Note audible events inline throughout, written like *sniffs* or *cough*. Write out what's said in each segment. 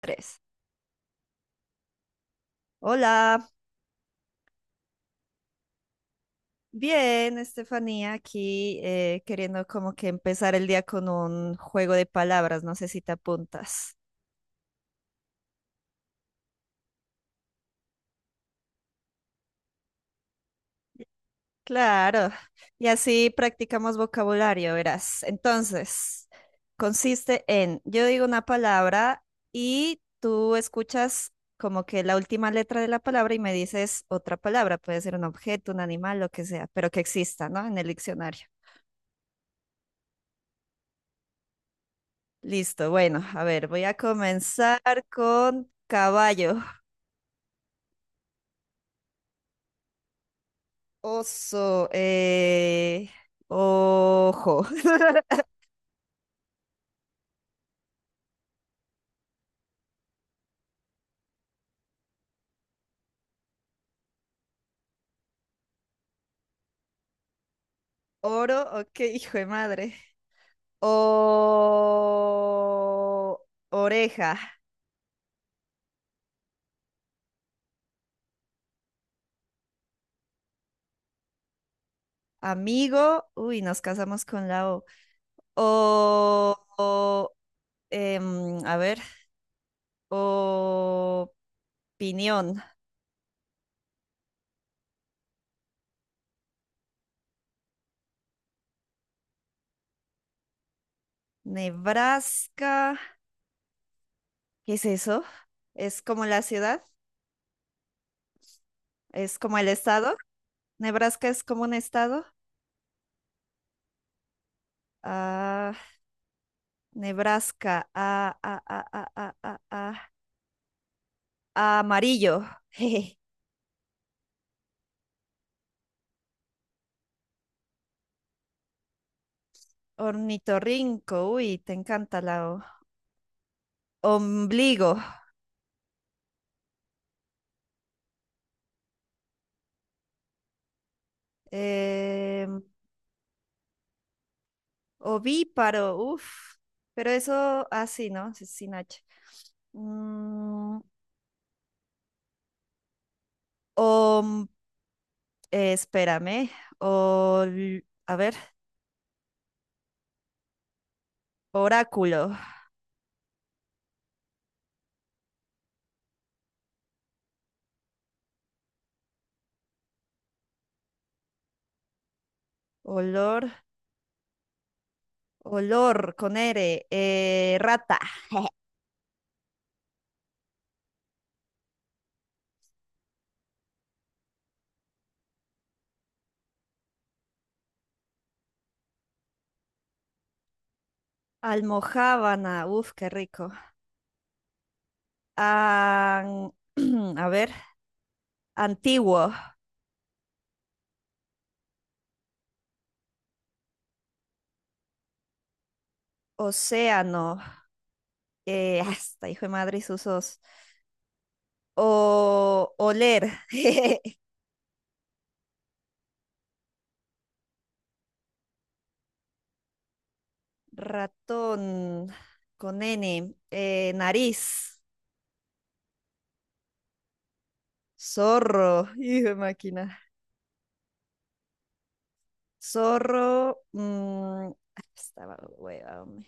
Tres. Hola, bien, Estefanía, aquí queriendo como que empezar el día con un juego de palabras, no sé si te apuntas. Claro, y así practicamos vocabulario, verás. Entonces, consiste en, yo digo una palabra y tú escuchas como que la última letra de la palabra y me dices otra palabra, puede ser un objeto, un animal, lo que sea, pero que exista, ¿no? En el diccionario. Listo, bueno, a ver, voy a comenzar con caballo, oso, ojo, *laughs* oro, ok, hijo de madre, o oreja, amigo, uy, nos casamos con la O, o, a ver, opinión, Nebraska, ¿qué es eso? ¿Es como la ciudad? ¿Es como el estado? Nebraska es como un estado. Ah, Nebraska. Ah, ah, ah, ah, ah, ah, ah, ah, Amarillo. *laughs* Jeje. Ornitorrinco. Uy, te encanta la O. Ombligo. Eh, ovíparo. Uf. Pero eso así, ¿no? Sí, sin H. Mm, om- espérame. A ver. Oráculo. Olor. Olor con R. Rata. *laughs* Almojábana, uf, qué rico. An- *clears throat* a ver, antiguo, océano, hasta hijo de madre y usos. O oler, *laughs* ratón, con N, nariz, zorro, hijo de máquina. Zorro, mm, ah, estaba hueva, hombre.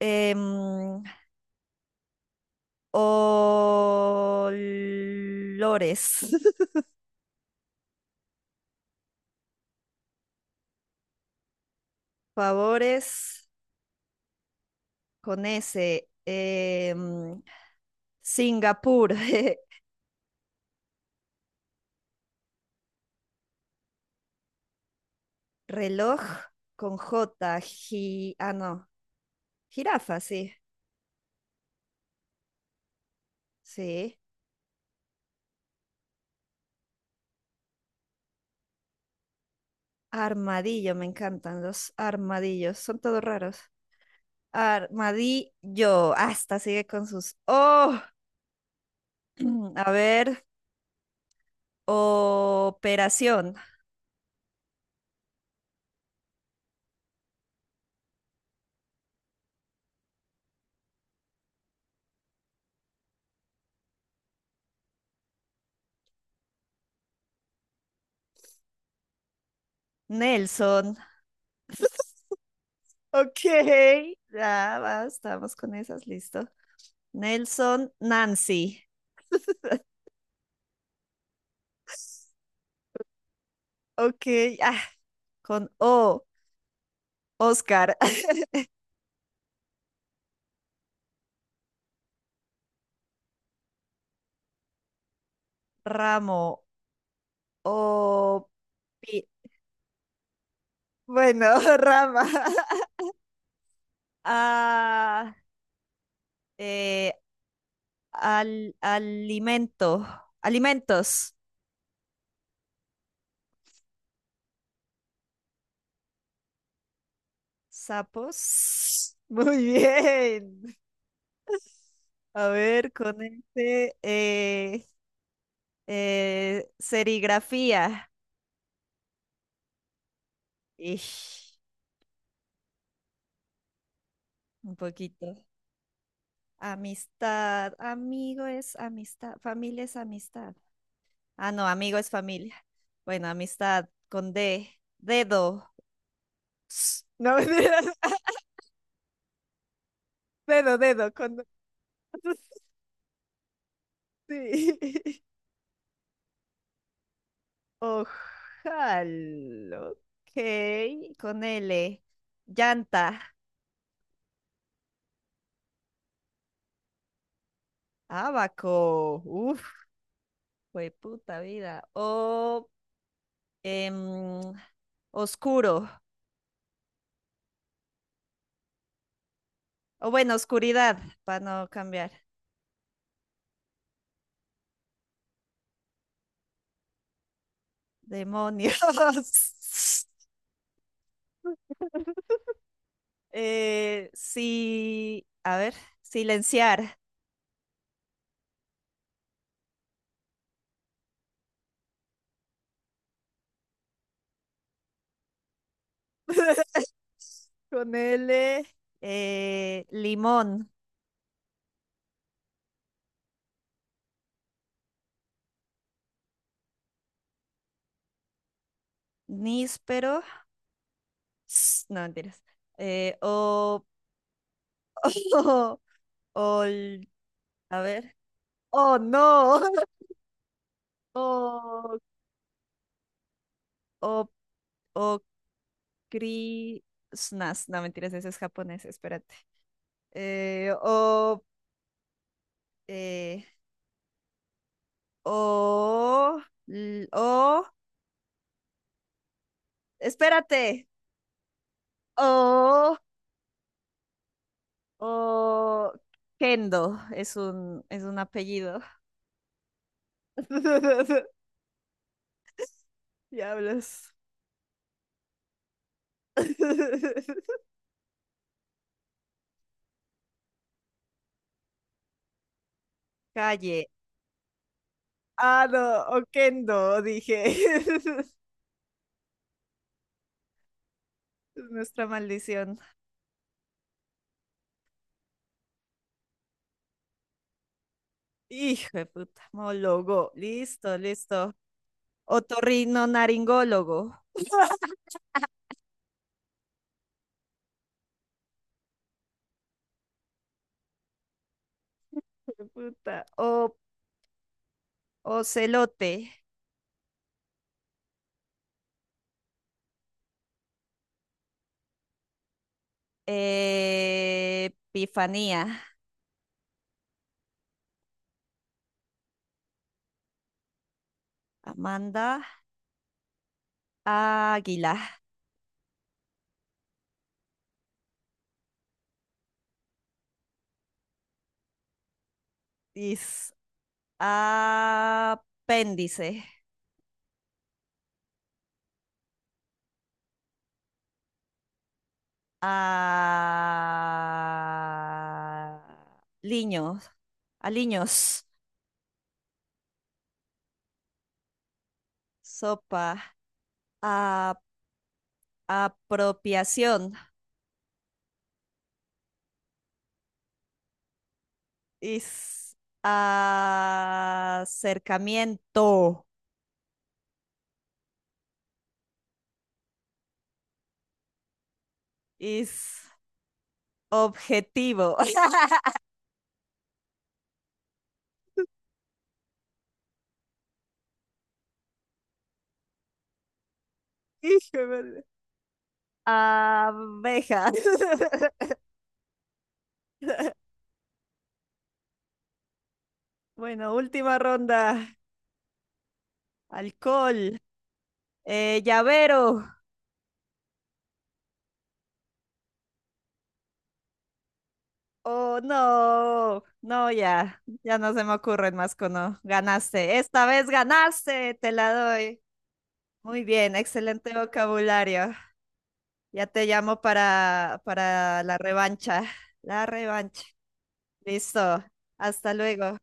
Em, olores, *laughs* favores, con ese. Singapur, *laughs* reloj con J, ah, no, jirafa, sí, sí. Armadillo, me encantan los armadillos, son todos raros. Armadillo, hasta sigue con sus... Oh, *clears throat* a ver, operación, Nelson. Ok, ya va, estamos con esas, listo. Nelson, Nancy. Ok, ah, con O. Oscar, *laughs* ramo o pi- bueno, *laughs* rama. *laughs* Ah, eh, alimento, alimentos, sapos. *laughs* Muy bien. A ver, con este, serigrafía. Ish, un poquito. Amistad, amigo es amistad, familia es amistad. Ah, no, amigo es familia. Bueno, amistad con D. Dedo. Ps, no, *laughs* mentiras. Dedo, con... *laughs* Sí. Ojalá. Ok, con L. Llanta. Abaco. Uf, fue puta vida. O em, oscuro. O bueno, oscuridad, para no cambiar. Demonios. *laughs* Sí, a ver, silenciar. *laughs* Con L, limón, níspero, *sniffs* no mentiras, o, *laughs* o, ol- a ver, oh no, *laughs* o, o, o, cri- snas, no mentiras, ese es japonés, espérate. Eh, o, eh, o, o, espérate, o, o, Kendo, es un apellido. *laughs* Diablos. *laughs* Calle. Ah, no, Oquendo, dije. *laughs* Es nuestra maldición. Hijo de puta, mólogo. Listo, listo. Otorrinolaringólogo. *laughs* Hijo de puta. O, ocelote. Eh, Epifanía. Amanda. Águila. Is, apéndice, a liños, a liños, sopa, a apropiación, is acercamiento, is objetivo. *laughs* Hijo de madre. Abejas. *laughs* Bueno, última ronda. Alcohol, llavero, oh, no, no, ya, ya no se me ocurren más cono. Ganaste, esta vez ganaste, te la doy. Muy bien, excelente vocabulario. Ya te llamo para la revancha. La revancha. Listo, hasta luego.